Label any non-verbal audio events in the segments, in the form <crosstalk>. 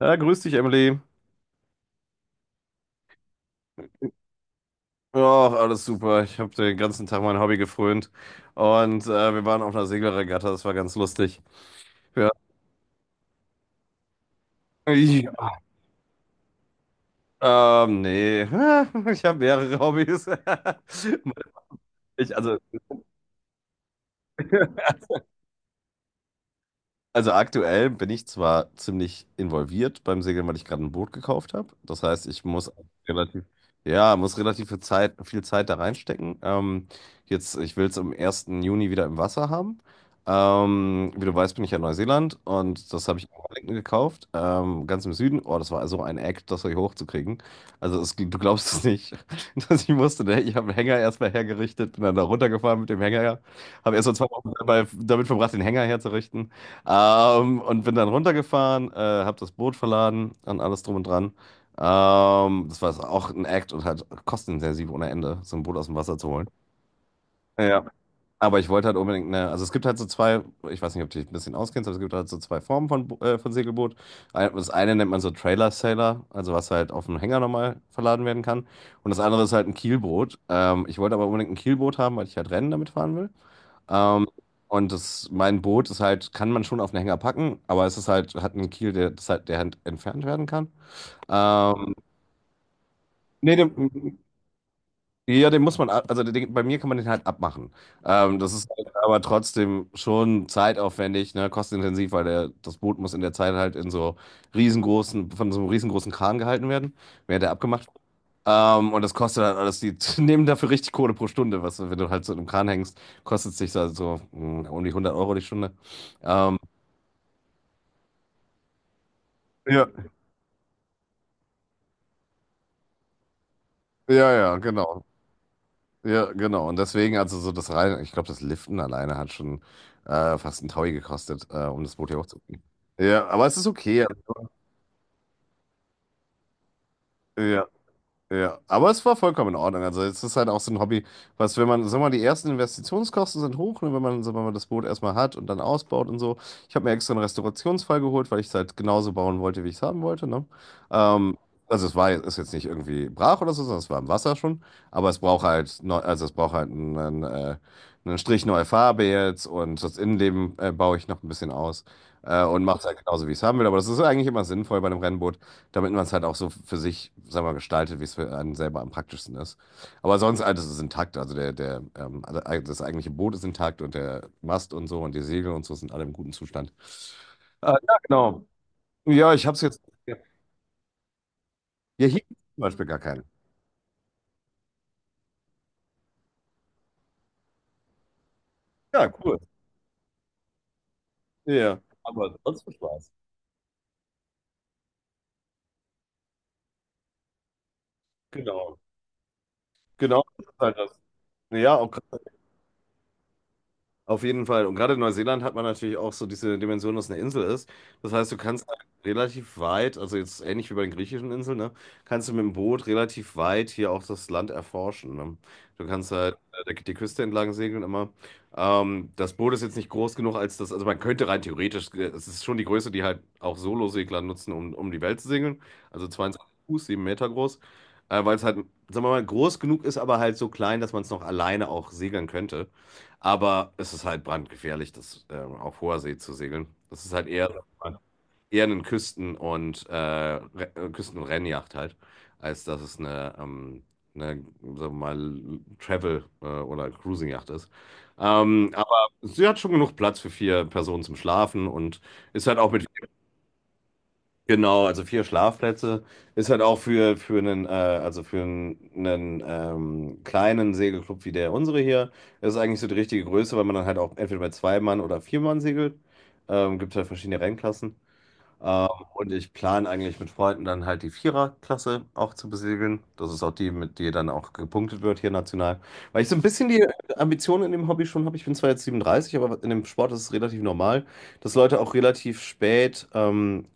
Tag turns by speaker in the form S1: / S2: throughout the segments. S1: Ja, grüß dich, Emily. Ja, alles super. Ich habe den ganzen Tag mein Hobby gefrönt. Und wir waren auf einer Segelregatta, das war ganz lustig. Ja. Ja. Nee. <laughs> Ich habe mehrere Hobbys. <laughs> Ich, also. <laughs> Also aktuell bin ich zwar ziemlich involviert beim Segeln, weil ich gerade ein Boot gekauft habe. Das heißt, ich muss relativ, ja, muss relativ viel Zeit da reinstecken. Jetzt, ich will es am ersten Juni wieder im Wasser haben. Wie du weißt, bin ich ja in Neuseeland, und das habe ich in Wellington gekauft, ganz im Süden. Oh, das war so ein Act, das hier hochzukriegen. Also es, du glaubst es nicht, <laughs> dass ich musste. Ne? Ich habe einen Hänger erstmal hergerichtet, bin dann da runtergefahren mit dem Hänger. Habe erst mal 2 Wochen dabei damit verbracht, den Hänger herzurichten. Und bin dann runtergefahren, habe das Boot verladen und alles drum und dran. Das war auch ein Act und halt kostenintensiv ohne Ende, so ein Boot aus dem Wasser zu holen. Ja. Aber ich wollte halt unbedingt eine, also es gibt halt so zwei, ich weiß nicht, ob du dich ein bisschen auskennst, aber es gibt halt so zwei Formen von, von Segelboot. Ein- Das eine nennt man so Trailer Sailor, also was halt auf dem Hänger nochmal verladen werden kann. Und das andere ist halt ein Kielboot. Ich wollte aber unbedingt ein Kielboot haben, weil ich halt Rennen damit fahren will. Ähm, und das, mein Boot ist halt, kann man schon auf einen Hänger packen, aber es ist halt, hat einen Kiel, der, das halt, der halt entfernt werden kann. Ähm, Nee, den, ja, den muss man, ab- also den, bei mir kann man den halt abmachen. Das ist halt aber trotzdem schon zeitaufwendig, ne, kostenintensiv, weil der, das Boot muss in der Zeit halt in so riesengroßen, von so einem riesengroßen Kran gehalten werden, während er abgemacht und das kostet halt alles, die <laughs> nehmen dafür richtig Kohle pro Stunde, was, wenn du halt so in einem Kran hängst, kostet es dich so, so um die 100 Euro die Stunde. Ähm, ja, ja, ja, genau. Ja, genau. Und deswegen, also so das rein, ich glaube, das Liften alleine hat schon fast einen Taui gekostet, um das Boot hier hochzubringen. Ja, aber es ist okay. Ja. Ja, aber es war vollkommen in Ordnung. Also es ist halt auch so ein Hobby, was, wenn man, sag mal, die ersten Investitionskosten sind hoch, ne, wenn man, sag mal, das Boot erstmal hat und dann ausbaut und so. Ich habe mir extra einen Restaurationsfall geholt, weil ich es halt genauso bauen wollte, wie ich es haben wollte, ne? Ähm, also es war, ist jetzt nicht irgendwie brach oder so, sondern es war im Wasser schon. Aber es braucht halt, neu, also es braucht halt einen, einen Strich neue Farbe jetzt, und das Innenleben baue ich noch ein bisschen aus und mache es halt genauso, wie ich es haben will. Aber das ist eigentlich immer sinnvoll bei einem Rennboot, damit man es halt auch so für sich, sag mal, gestaltet, wie es für einen selber am praktischsten ist. Aber sonst alles ist intakt. Also der, alle- eig- das eigentliche Boot ist intakt und der Mast und so und die Segel und so sind alle im guten Zustand. Ja, genau. Ja, ich habe es jetzt. Ja, hier gibt's zum Beispiel gar keinen. Ja, cool. Ja, aber sonst viel Spaß. Genau. Genau, das ist halt das. Ja, auch auf jeden Fall. Und gerade in Neuseeland hat man natürlich auch so diese Dimension, dass es eine Insel ist. Das heißt, du kannst halt relativ weit, also jetzt ähnlich wie bei den griechischen Inseln, ne, kannst du mit dem Boot relativ weit hier auch das Land erforschen. Ne? Du kannst halt der- die Küste entlang segeln immer. Das Boot ist jetzt nicht groß genug, als das, also man könnte rein theoretisch, es ist schon die Größe, die halt auch Solosegler nutzen, um die Welt zu segeln. Also 22 Fuß, 7 Meter groß. Weil es halt, sagen wir mal, groß genug ist, aber halt so klein, dass man es noch alleine auch segeln könnte. Aber es ist halt brandgefährlich, das auf hoher See zu segeln. Das ist halt eher, eher eine Küsten- und, Re- Küsten- und Rennjacht halt, als dass es eine, eine, sagen wir mal, Travel- oder Cruising-Yacht ist. Aber sie hat schon genug Platz für vier Personen zum Schlafen und ist halt auch mit. Genau, also vier Schlafplätze ist halt auch für, also für einen kleinen Segelclub wie der unsere hier, ist eigentlich so die richtige Größe, weil man dann halt auch entweder bei zwei Mann oder vier Mann segelt. Gibt halt verschiedene Rennklassen. Ähm, und ich plane eigentlich mit Freunden dann halt die Viererklasse auch zu besiegeln. Das ist auch die, mit der dann auch gepunktet wird hier national. Weil ich so ein bisschen die Ambition in dem Hobby schon habe. Ich bin zwar jetzt 37, aber in dem Sport ist es relativ normal, dass Leute auch relativ spät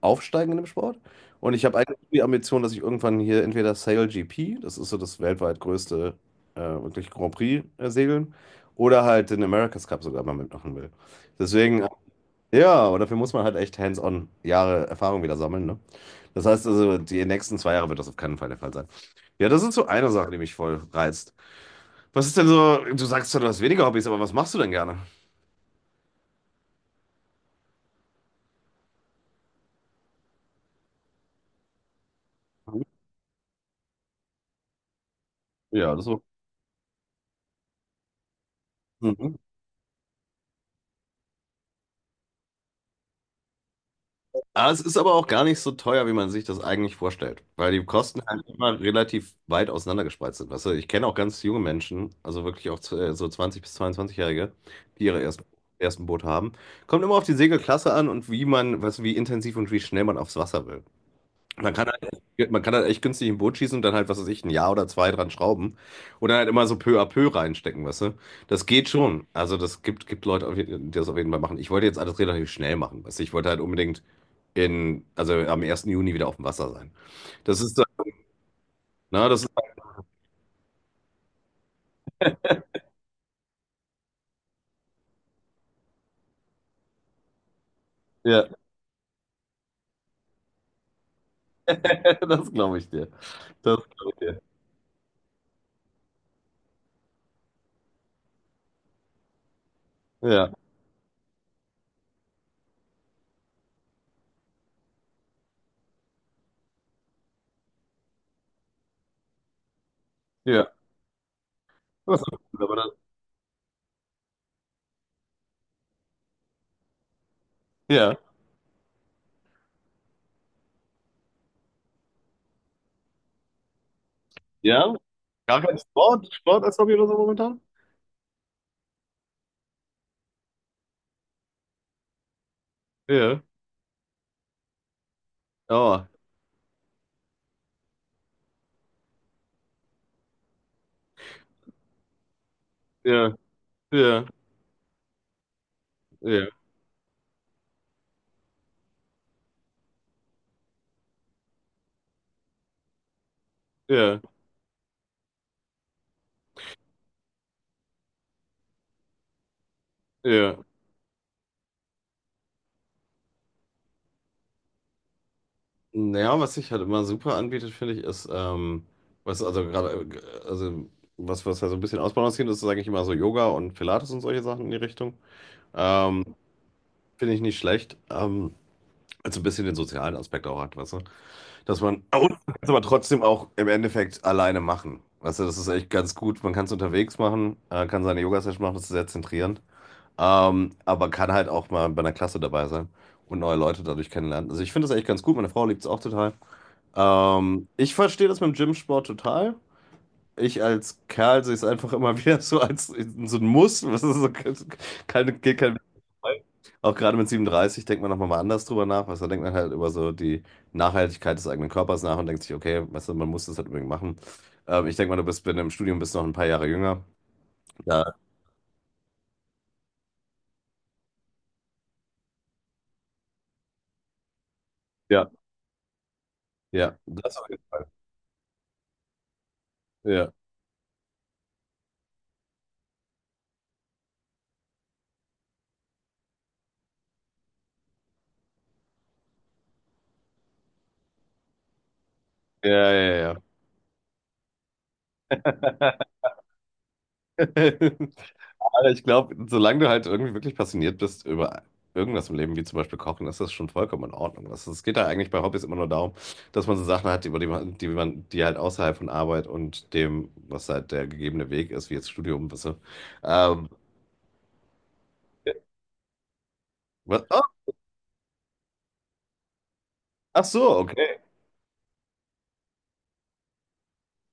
S1: aufsteigen in dem Sport. Und ich habe eigentlich die Ambition, dass ich irgendwann hier entweder Sail GP, das ist so das weltweit größte wirklich Grand Prix segeln, oder halt den America's Cup sogar mal mitmachen will. Deswegen ja, aber dafür muss man halt echt hands-on Jahre Erfahrung wieder sammeln, ne? Das heißt also, die nächsten zwei Jahre wird das auf keinen Fall der Fall sein. Ja, das ist so eine Sache, die mich voll reizt. Was ist denn so, du sagst zwar, du hast weniger Hobbys, aber was machst du denn gerne? Ja, das so. Ah, es ist aber auch gar nicht so teuer, wie man sich das eigentlich vorstellt, weil die Kosten halt immer relativ weit auseinandergespreizt sind. Weißt du, ich kenne auch ganz junge Menschen, also wirklich auch so 20 bis 22 jährige, die ihre ersten Boot haben. Kommt immer auf die Segelklasse an und wie man, weißt du, wie intensiv und wie schnell man aufs Wasser will. Man kann halt echt günstig ein Boot schießen und dann halt, was weiß ich, ein Jahr oder zwei dran schrauben, oder halt immer so peu à peu reinstecken, weißt du. Das geht schon. Also gibt Leute, die das auf jeden Fall machen. Ich wollte jetzt alles relativ schnell machen, weißt du. Ich wollte halt unbedingt in, also am ersten Juni wieder auf dem Wasser sein. Das ist, na, das ist, ja, <laughs> das glaube ich dir. Das glaube ich dir. Ja, ja. Das ist gut, aber das, ja, ja. Gar kein Sport, Sport als Hobby oder so momentan? Ja. Oh, ja, ja, ja, ja, ja. Naja, was sich halt immer super anbietet, finde ich, ist, was also gerade, also was, was ja so ein bisschen ausbalanciert ist, sage ich immer so Yoga und Pilates und solche Sachen in die Richtung. Ähm, Finde ich nicht schlecht. Also ein bisschen den sozialen Aspekt auch hat, weißt du? Dass man, aber man kann's aber trotzdem auch im Endeffekt alleine machen. Weißt du, das ist echt ganz gut. Man kann es unterwegs machen, kann seine Yoga-Session machen, das ist sehr zentrierend. Aber kann halt auch mal bei einer Klasse dabei sein und neue Leute dadurch kennenlernen. Also ich finde das echt ganz gut. Meine Frau liebt es auch total. Ich verstehe das mit dem Gym-Sport total. Ich als Kerl sehe es einfach immer <laughs> wieder so als so ein Muss. Was ist so, keine, geht kein Weg vorbei. Auch gerade mit 37 denkt man nochmal mal anders drüber nach. Also da denkt man halt über so die Nachhaltigkeit des eigenen Körpers nach und denkt sich, okay, weißt du, man muss das halt unbedingt machen. Ich denke mal, du bist, wenn du im Studium bist, noch ein paar Jahre jünger. Ja, ja, ja, das auf jeden Fall. Ja, ja, ja, ja. <laughs> Aber ich glaube, solange du halt irgendwie wirklich passioniert bist über irgendwas im Leben, wie zum Beispiel Kochen, ist das schon vollkommen in Ordnung. Das, es geht da eigentlich bei Hobbys immer nur darum, dass man so Sachen hat, über die halt außerhalb von Arbeit und dem, was halt der gegebene Weg ist, wie jetzt Studium, weißt du. Ähm, Was? Oh, ach so, okay.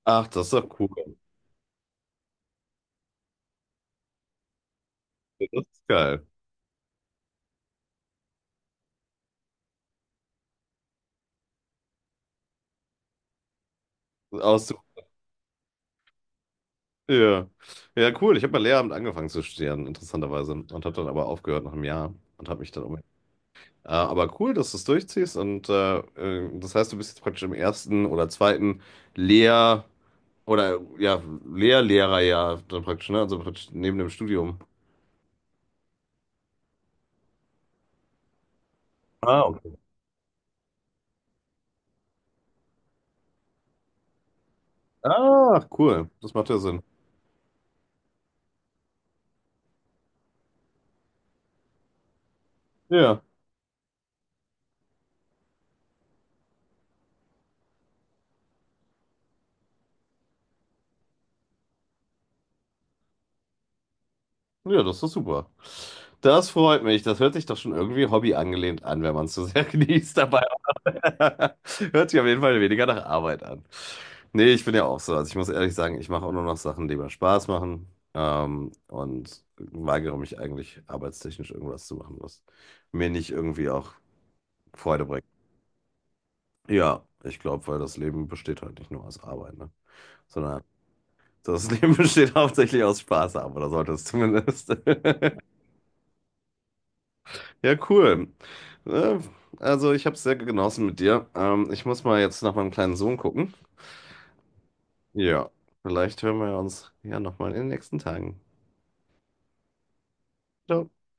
S1: Ach, das ist doch cool. Das ist geil. Aus, ja. Ja, cool. Ich habe mal Lehramt angefangen zu studieren, interessanterweise. Und habe dann aber aufgehört nach einem Jahr und habe mich dann um. Aber cool, dass du es durchziehst, und das heißt, du bist jetzt praktisch im ersten oder zweiten Lehr- oder ja, Lehr-Lehrerjahr dann praktisch, ne? Also praktisch neben dem Studium. Ah, okay. Ah, cool. Das macht ja Sinn. Ja. Ja, das ist super. Das freut mich. Das hört sich doch schon irgendwie Hobby angelehnt an, wenn man es so sehr <laughs> genießt dabei. <laughs> Hört sich auf jeden Fall weniger nach Arbeit an. Nee, ich bin ja auch so. Also ich muss ehrlich sagen, ich mache auch nur noch Sachen, die mir Spaß machen. Und weigere mich eigentlich, arbeitstechnisch irgendwas zu machen, was mir nicht irgendwie auch Freude bringt. Ja, ich glaube, weil das Leben besteht halt nicht nur aus Arbeit, ne? Sondern das Leben <laughs> besteht hauptsächlich aus Spaß haben, oder sollte es zumindest. <laughs> Ja, cool. Äh, Also, ich habe es sehr genossen mit dir. Ich muss mal jetzt nach meinem kleinen Sohn gucken. Ja, vielleicht hören wir uns ja nochmal in den nächsten Tagen. Ciao.